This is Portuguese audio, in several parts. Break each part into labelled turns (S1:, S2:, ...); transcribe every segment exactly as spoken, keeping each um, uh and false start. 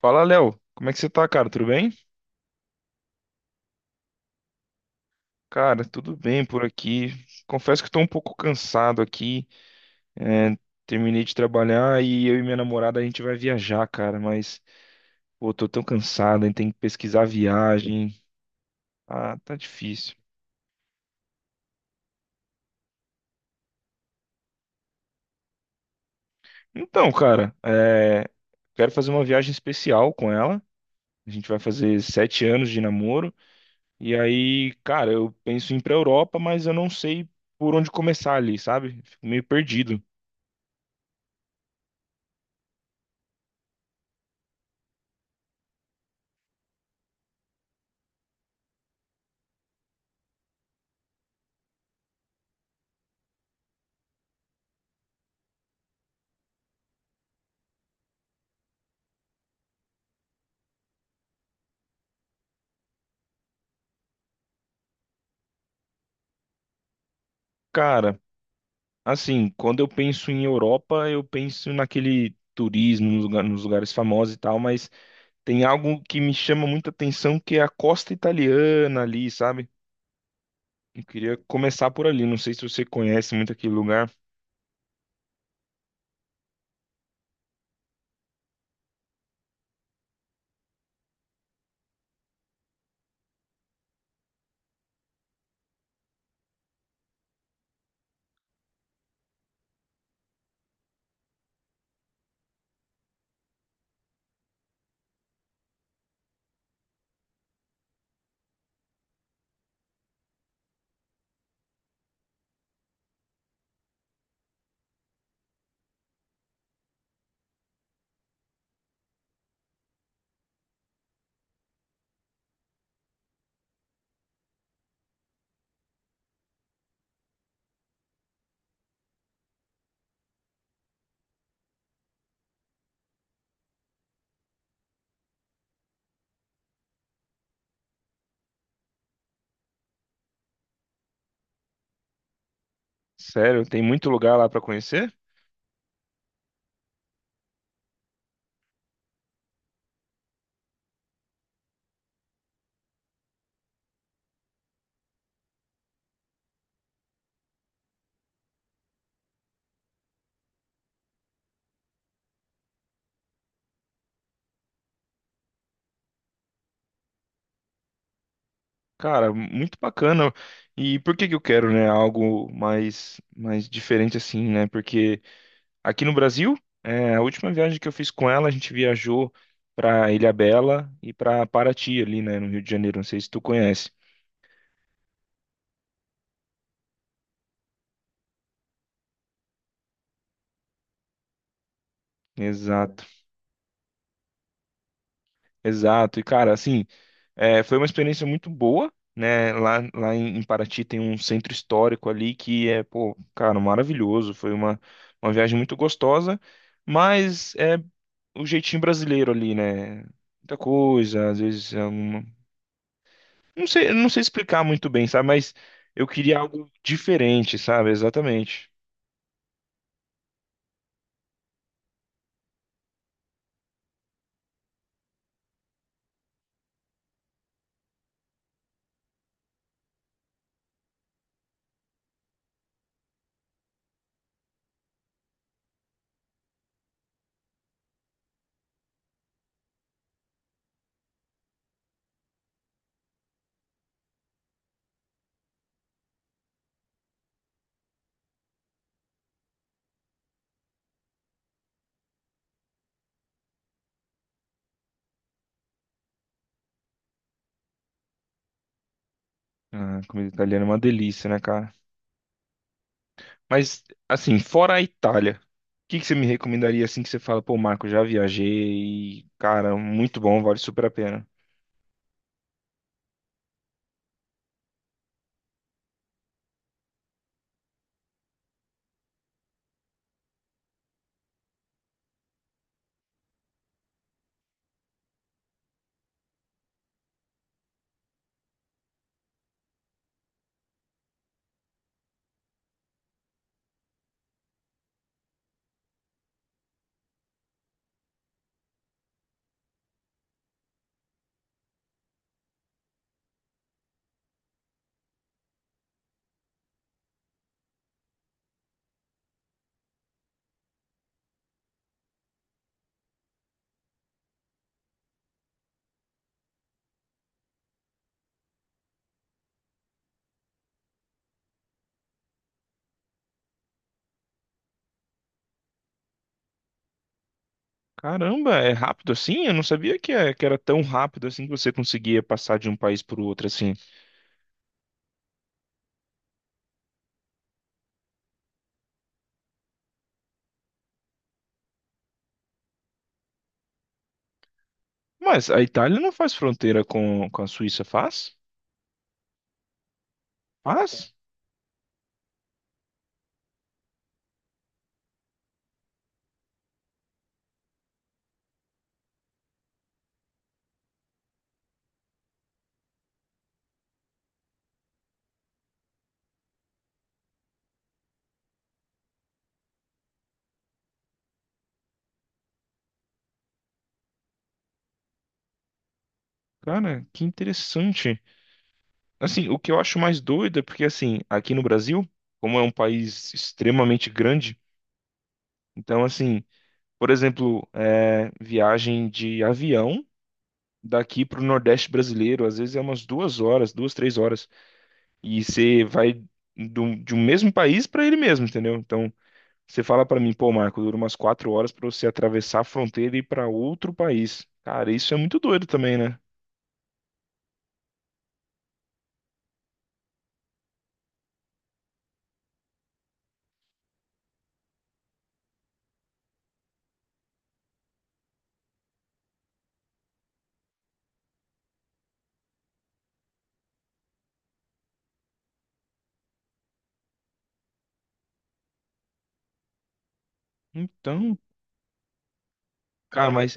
S1: Fala, Léo. Como é que você tá, cara? Tudo bem? Cara, tudo bem por aqui. Confesso que tô um pouco cansado aqui. É, terminei de trabalhar e eu e minha namorada a gente vai viajar, cara. Mas, pô, tô tão cansado, hein? Tem que pesquisar a viagem. Ah, tá difícil. Então, cara, é, quero fazer uma viagem especial com ela. A gente vai fazer sete anos de namoro. E aí, cara, eu penso em ir pra Europa, mas eu não sei por onde começar ali, sabe? Fico meio perdido. Cara, Assim, quando eu penso em Europa, eu penso naquele turismo, nos lugar- nos lugares famosos e tal, mas tem algo que me chama muita atenção que é a costa italiana ali, sabe? Eu queria começar por ali, não sei se você conhece muito aquele lugar. Sério, tem muito lugar lá para conhecer? Cara, muito bacana. E por que que eu quero, né, algo mais mais diferente assim, né? Porque aqui no Brasil. É, a última viagem que eu fiz com ela, a gente viajou para Ilhabela e para Paraty ali, né, no Rio de Janeiro. Não sei se tu conhece. Exato, exato. E cara, assim, é, foi uma experiência muito boa, né? Lá, lá em, em Paraty tem um centro histórico ali que é, pô, cara, maravilhoso. Foi uma, uma viagem muito gostosa, mas é o jeitinho brasileiro ali, né? Muita coisa, às vezes é Não sei, eu não sei explicar muito bem, sabe? Mas eu queria algo diferente, sabe? Exatamente. Ah, comida italiana é uma delícia, né, cara? Mas, assim, fora a Itália, o que que você me recomendaria assim que você fala, pô, Marco, já viajei e, cara, muito bom, vale super a pena. Caramba, é rápido assim? Eu não sabia que, é- que era tão rápido assim que você conseguia passar de um país para o outro assim. Mas a Itália não faz fronteira com, com a Suíça, faz? Faz? Cara, que interessante. Assim, o que eu acho mais doido é porque, assim, aqui no Brasil, como é um país extremamente grande, então, assim, por exemplo, é, viagem de avião daqui para o Nordeste brasileiro, às vezes é umas duas horas, duas, três horas, e você vai do, de um mesmo país para ele mesmo, entendeu? Então, você fala para mim, pô, Marco, dura umas quatro horas para você atravessar a fronteira e ir para outro país. Cara, isso é muito doido também, né? Então, cara, mas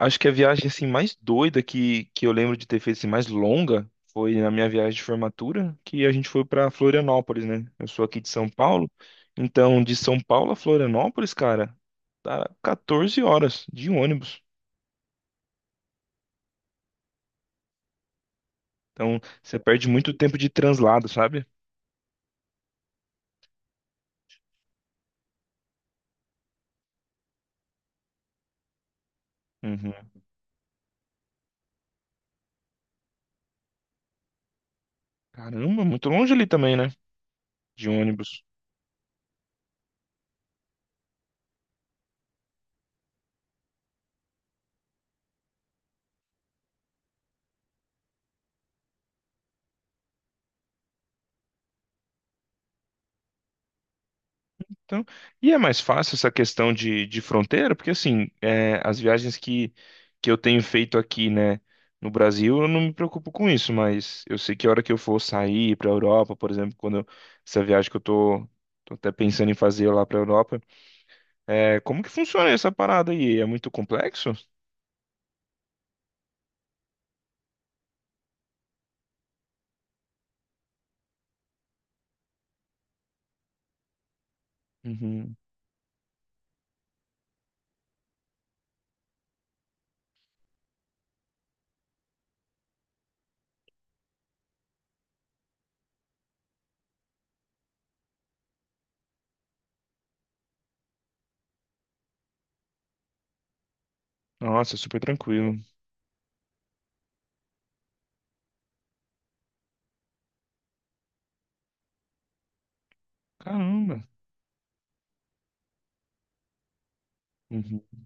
S1: acho que a viagem assim mais doida que, que eu lembro de ter feito assim, mais longa foi na minha viagem de formatura, que a gente foi para Florianópolis, né? Eu sou aqui de São Paulo, então de São Paulo a Florianópolis, cara, dá 14 horas de ônibus. Então você perde muito tempo de translado, sabe? Uhum. Caramba, muito longe ali também, né? De ônibus. Então, e é mais fácil essa questão de, de fronteira, porque assim, é, as viagens que, que eu tenho feito aqui, né, no Brasil, eu não me preocupo com isso, mas eu sei que a hora que eu for sair para a Europa, por exemplo, quando eu- essa viagem que eu tô, tô até pensando em fazer lá para a Europa, é, como que funciona essa parada aí? É muito complexo? Uhum. Nossa, super tranquilo. Caramba. Uhum.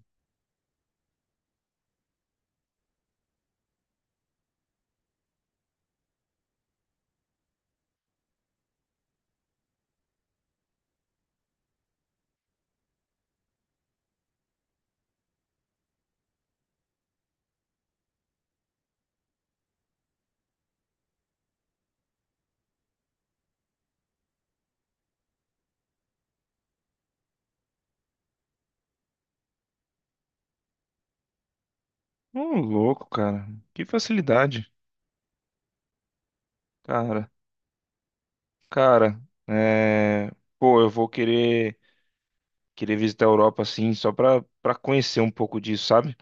S1: Ô, louco, cara. Que facilidade. Cara, cara, é... Pô, eu vou querer. Queria visitar a Europa assim, só pra, pra conhecer um pouco disso, sabe?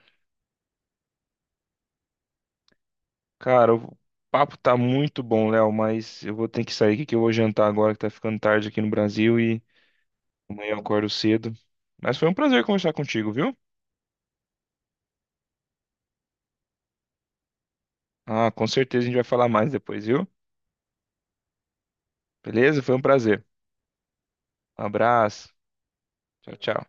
S1: Cara, o papo tá muito bom, Léo, mas eu vou ter que sair aqui que eu vou jantar agora que tá ficando tarde aqui no Brasil e amanhã eu acordo cedo. Mas foi um prazer conversar contigo, viu? Ah, com certeza a gente vai falar mais depois, viu? Beleza? Foi um prazer. Um abraço. Tchau, tchau.